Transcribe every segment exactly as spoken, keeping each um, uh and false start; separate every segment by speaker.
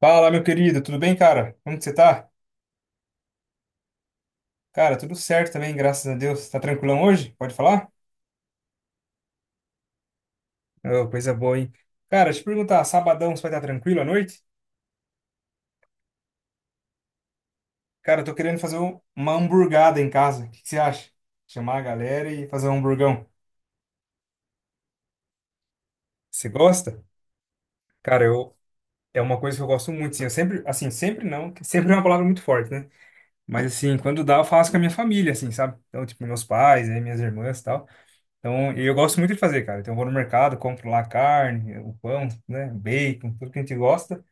Speaker 1: Fala, meu querido, tudo bem, cara? Como que você tá? Cara, tudo certo também, graças a Deus. Tá tranquilão hoje? Pode falar? Ô, coisa boa, hein? Cara, deixa eu te perguntar, sabadão você vai estar tranquilo à noite? Cara, eu tô querendo fazer um- uma hamburgada em casa. O que que você acha? Chamar a galera e fazer um hamburgão. Você gosta? Cara, eu é uma coisa que eu gosto muito, sim. Eu sempre, assim, sempre não, que sempre é uma palavra muito forte, né? Mas assim, quando dá, eu faço com a minha família, assim, sabe? Então, tipo, meus pais, aí, minhas irmãs, e tal. Então, e eu gosto muito de fazer, cara. Então, eu vou no mercado, compro lá a carne, o pão, né, bacon, tudo que a gente gosta.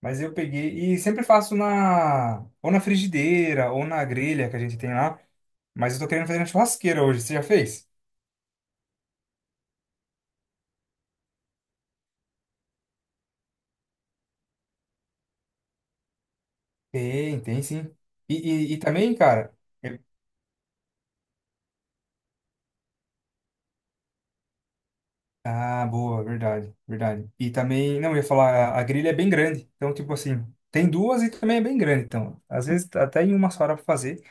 Speaker 1: Mas eu peguei e sempre faço na ou na frigideira ou na grelha que a gente tem lá. Mas eu tô querendo fazer na churrasqueira hoje. Você já fez? Tem, tem sim. E, e, e também, cara. é- Ah, boa, verdade, verdade. E também, não, eu ia falar, a a grelha é bem grande. Então, tipo assim, tem duas e também é bem grande. Então, às vezes até em uma só hora pra fazer.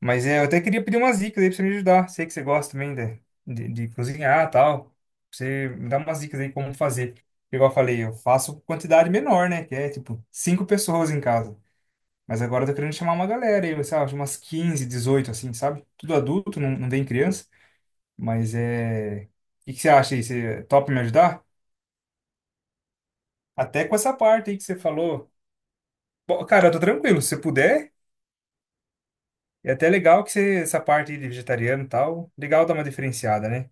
Speaker 1: Mas é, eu até queria pedir umas dicas aí pra você me ajudar. Sei que você gosta também de, de, de cozinhar e tal. Pra Você me dá umas dicas aí como fazer. Igual eu falei, eu faço quantidade menor, né? Que é tipo cinco pessoas em casa. Mas agora eu tô querendo chamar uma galera aí, sei lá, umas quinze dezoito assim, sabe? Tudo adulto, não, não tem criança. Mas é. O que, que você acha aí? Você topa me ajudar? Até com essa parte aí que você falou. Bom, cara, eu tô tranquilo. Se você puder, é até legal que você, essa parte aí de vegetariano e tal. Legal dar uma diferenciada, né?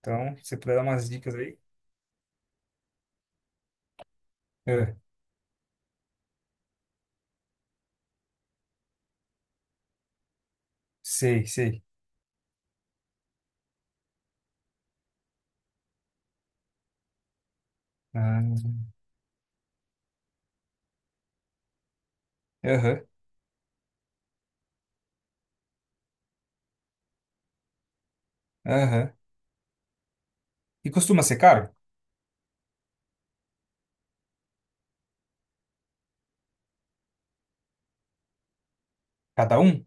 Speaker 1: Então, se você puder dar umas dicas aí. É, sei, sei. Ah, aham, aham. E costuma ser caro? Cada um?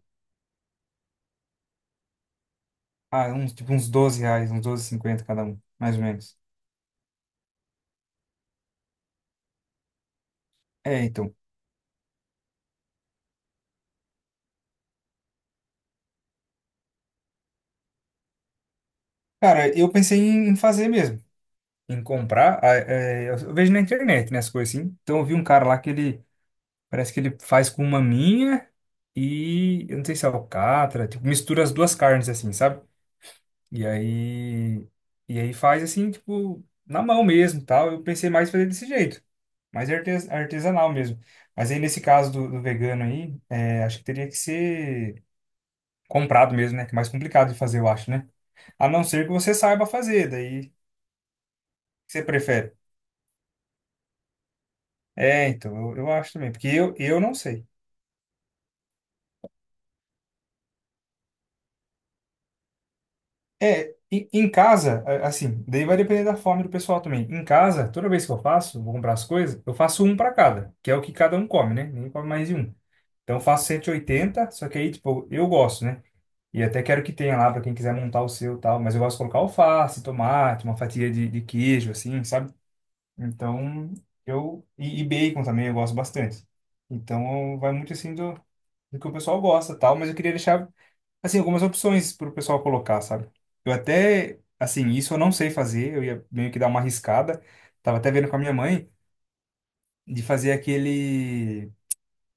Speaker 1: Ah, uns, tipo uns doze reais, uns doze e cinquenta cada um, mais ou menos. É, então. Cara, eu pensei em em fazer mesmo, em comprar. Ah, é, eu eu vejo na internet, né, as coisas assim. Então eu vi um cara lá que ele, parece que ele faz com maminha e, eu não sei se é alcatra, tipo, mistura as duas carnes assim, sabe? E aí, e aí faz assim, tipo, na mão mesmo, tal. Eu pensei mais em fazer desse jeito, mais artes- artesanal mesmo. Mas aí nesse caso do, do vegano aí, é, acho que teria que ser comprado mesmo, né? Que é mais complicado de fazer, eu acho, né? A não ser que você saiba fazer, daí o que você prefere. É, então, eu, eu acho também, porque eu, eu não sei. É, em, em casa, a- assim, daí vai depender da fome do pessoal também. Em casa, toda vez que eu faço, vou comprar as coisas, eu faço um para cada, que é o que cada um come, né? Ninguém come mais de um. Então eu faço cento e oitenta, só que aí, tipo, eu gosto, né? E até quero que tenha lá para quem quiser montar o seu e tal. Mas eu gosto de colocar alface, tomate, uma fatia de, de queijo, assim, sabe? Então, eu. E, e bacon também eu gosto bastante. Então, vai muito assim do, do que o pessoal gosta e tal. Mas eu queria deixar, assim, algumas opções para o pessoal colocar, sabe? Eu até. Assim, isso eu não sei fazer. Eu ia meio que dar uma arriscada. Tava até vendo com a minha mãe de fazer aquele.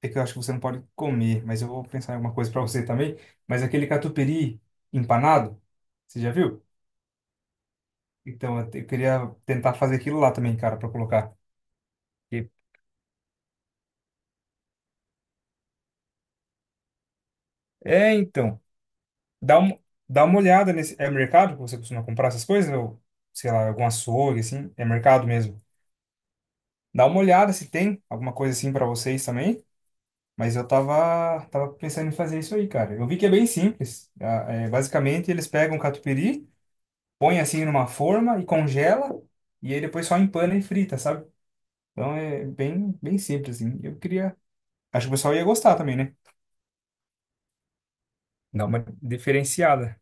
Speaker 1: É que eu acho que você não pode comer, mas eu vou pensar em alguma coisa para você também. Mas aquele catupiry empanado, você já viu? Então, eu, te- eu queria tentar fazer aquilo lá também, cara, para colocar. E- É, então, dá, um, dá uma olhada nesse... É mercado que você costuma comprar essas coisas? Ou, sei lá, algum açougue, assim? É mercado mesmo. Dá uma olhada se tem alguma coisa assim para vocês também. Mas eu tava, tava pensando em fazer isso aí, cara. Eu vi que é bem simples. Ah, é, basicamente, eles pegam um catupiry, põe assim numa forma e congela, e aí depois só empana e frita, sabe? Então é bem, bem simples, assim. Eu queria. Acho que o pessoal ia gostar também, né? Dá uma diferenciada,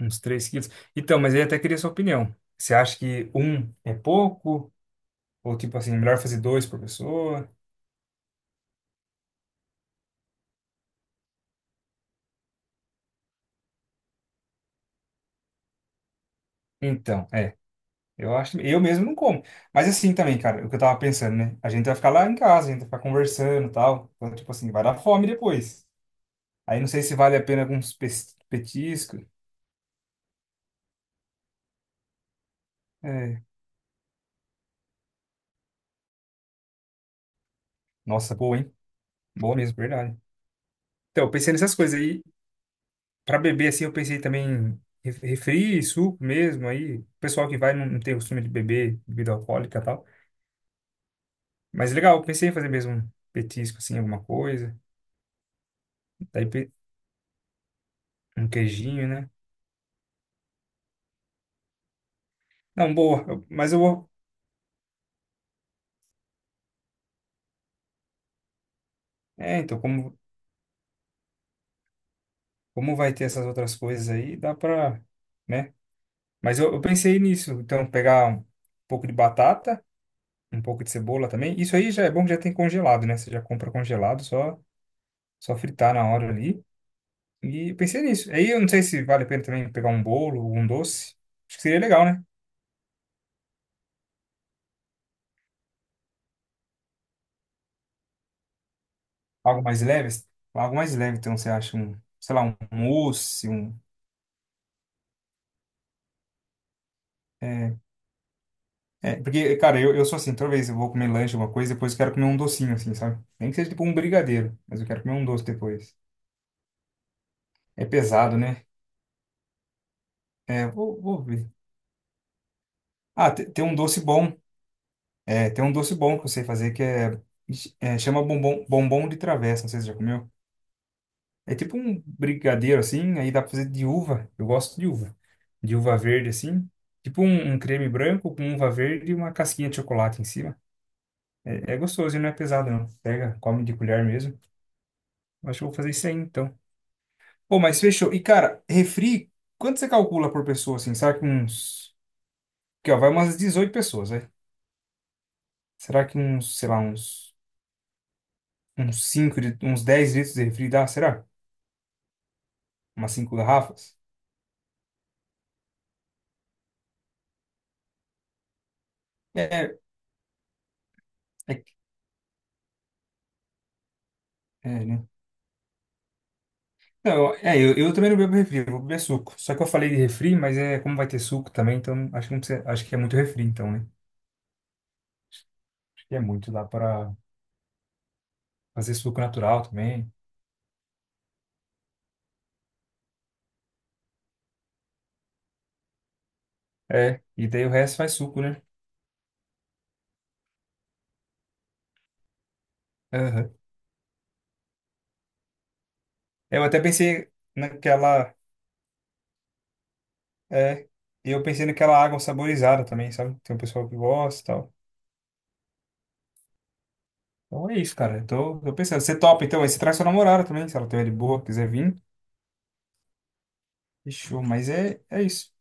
Speaker 1: uns três quilos. Então, mas aí até queria sua opinião. Você acha que um é pouco? Ou tipo assim, melhor fazer dois por pessoa? Então, é. Eu acho, eu mesmo não como. Mas assim também, cara, o que eu tava pensando, né? A gente vai ficar lá em casa, a gente vai ficar conversando e tal. Então, tipo assim, vai dar fome depois. Aí não sei se vale a pena alguns pes- petiscos. É. Nossa, boa, hein? Boa mesmo, verdade. Então, eu pensei nessas coisas aí. Pra beber, assim, eu pensei também em ref- refri, suco mesmo. Aí, o pessoal que vai não, não tem costume de beber bebida alcoólica e tal. Mas legal, eu pensei em fazer mesmo um petisco, assim, alguma coisa. Daí, pe- um queijinho, né? Não, boa. eu- mas eu vou. É, então, como, como vai ter essas outras coisas aí, dá pra. Né? Mas eu, eu pensei nisso. Então, pegar um pouco de batata, um pouco de cebola também. Isso aí já é bom que já tem congelado, né? Você já compra congelado, só. Só fritar na hora ali. E pensei nisso. Aí eu não sei se vale a pena também pegar um bolo ou um doce. Acho que seria legal, né? Algo mais leve. Algo mais leve, então você acha um, sei lá, um mousse, um. É, é, porque, cara, eu, eu sou assim, toda vez eu vou comer lanche, alguma coisa, depois eu quero comer um docinho, assim, sabe? Nem que seja tipo um brigadeiro, mas eu quero comer um doce depois. É pesado, né? É, vou, vou ver. Ah, te- tem um doce bom. É, tem um doce bom que eu sei fazer que é, é chama bombom, bombom de travessa. Não sei se você já comeu. É tipo um brigadeiro assim, aí dá pra fazer de uva. Eu gosto de uva. De uva verde assim. Tipo um, um creme branco com uva verde e uma casquinha de chocolate em cima. É, é gostoso e não é pesado não. Pega, come de colher mesmo. Eu acho que eu vou fazer isso aí então. Pô, mas fechou. E cara, refri, quanto você calcula por pessoa assim? Será que uns. Que ó, vai umas dezoito pessoas, né? Será que uns, sei lá, uns. Uns cinco de, uns dez litros de refri dá? Será? Umas cinco garrafas? É, é, é, né? Não, é, eu, eu também não bebo refri, eu vou beber suco. Só que eu falei de refri, mas é como vai ter suco também, então acho que não precisa, acho que é muito refri, então, né? Acho que é muito, dá para fazer suco natural também. É, e daí o resto faz suco, né? Aham. Eu até pensei naquela, é, eu pensei naquela água saborizada também, sabe? Tem um pessoal que gosta e tal. Então é isso, cara. Eu tô, tô pensando, você topa, então, aí você traz sua namorada também, se ela tiver de boa, quiser vir. Fechou, mas é, é isso.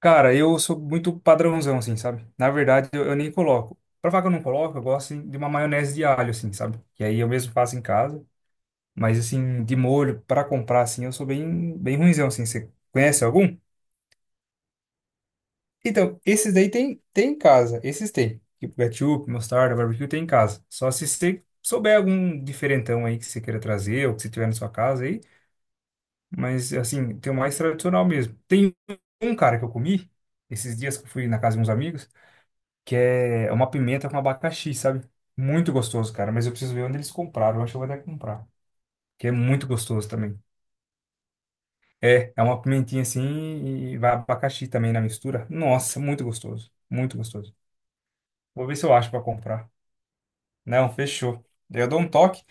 Speaker 1: Cara, eu sou muito padrãozão, assim, sabe? Na verdade, eu, eu nem coloco. Pra falar que eu não coloco, eu gosto assim, de uma maionese de alho, assim, sabe? Que aí eu mesmo faço em casa. Mas, assim, de molho, pra comprar, assim, eu sou bem, bem ruinzão, assim. Você conhece algum? Então, esses daí tem, tem em casa. Esses tem. Tipo, ketchup, mostarda, barbecue tem em casa. Só se você souber algum diferentão aí que você queira trazer ou que você tiver na sua casa aí. Mas, assim, tem o mais tradicional mesmo. Tem um, cara, que eu comi esses dias que eu fui na casa de uns amigos, que é é uma pimenta com abacaxi, sabe? Muito gostoso, cara, mas eu preciso ver onde eles compraram, eu acho que eu vou até comprar, que é muito gostoso também. É, é uma pimentinha assim e vai abacaxi também na mistura. Nossa, muito gostoso, muito gostoso. Vou ver se eu acho pra comprar. Não, fechou. Eu dou um toque.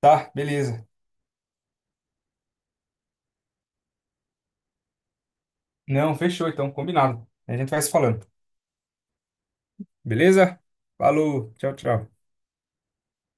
Speaker 1: Tá, beleza. Não, fechou então, combinado. A gente vai se falando. Beleza? Falou, tchau, tchau.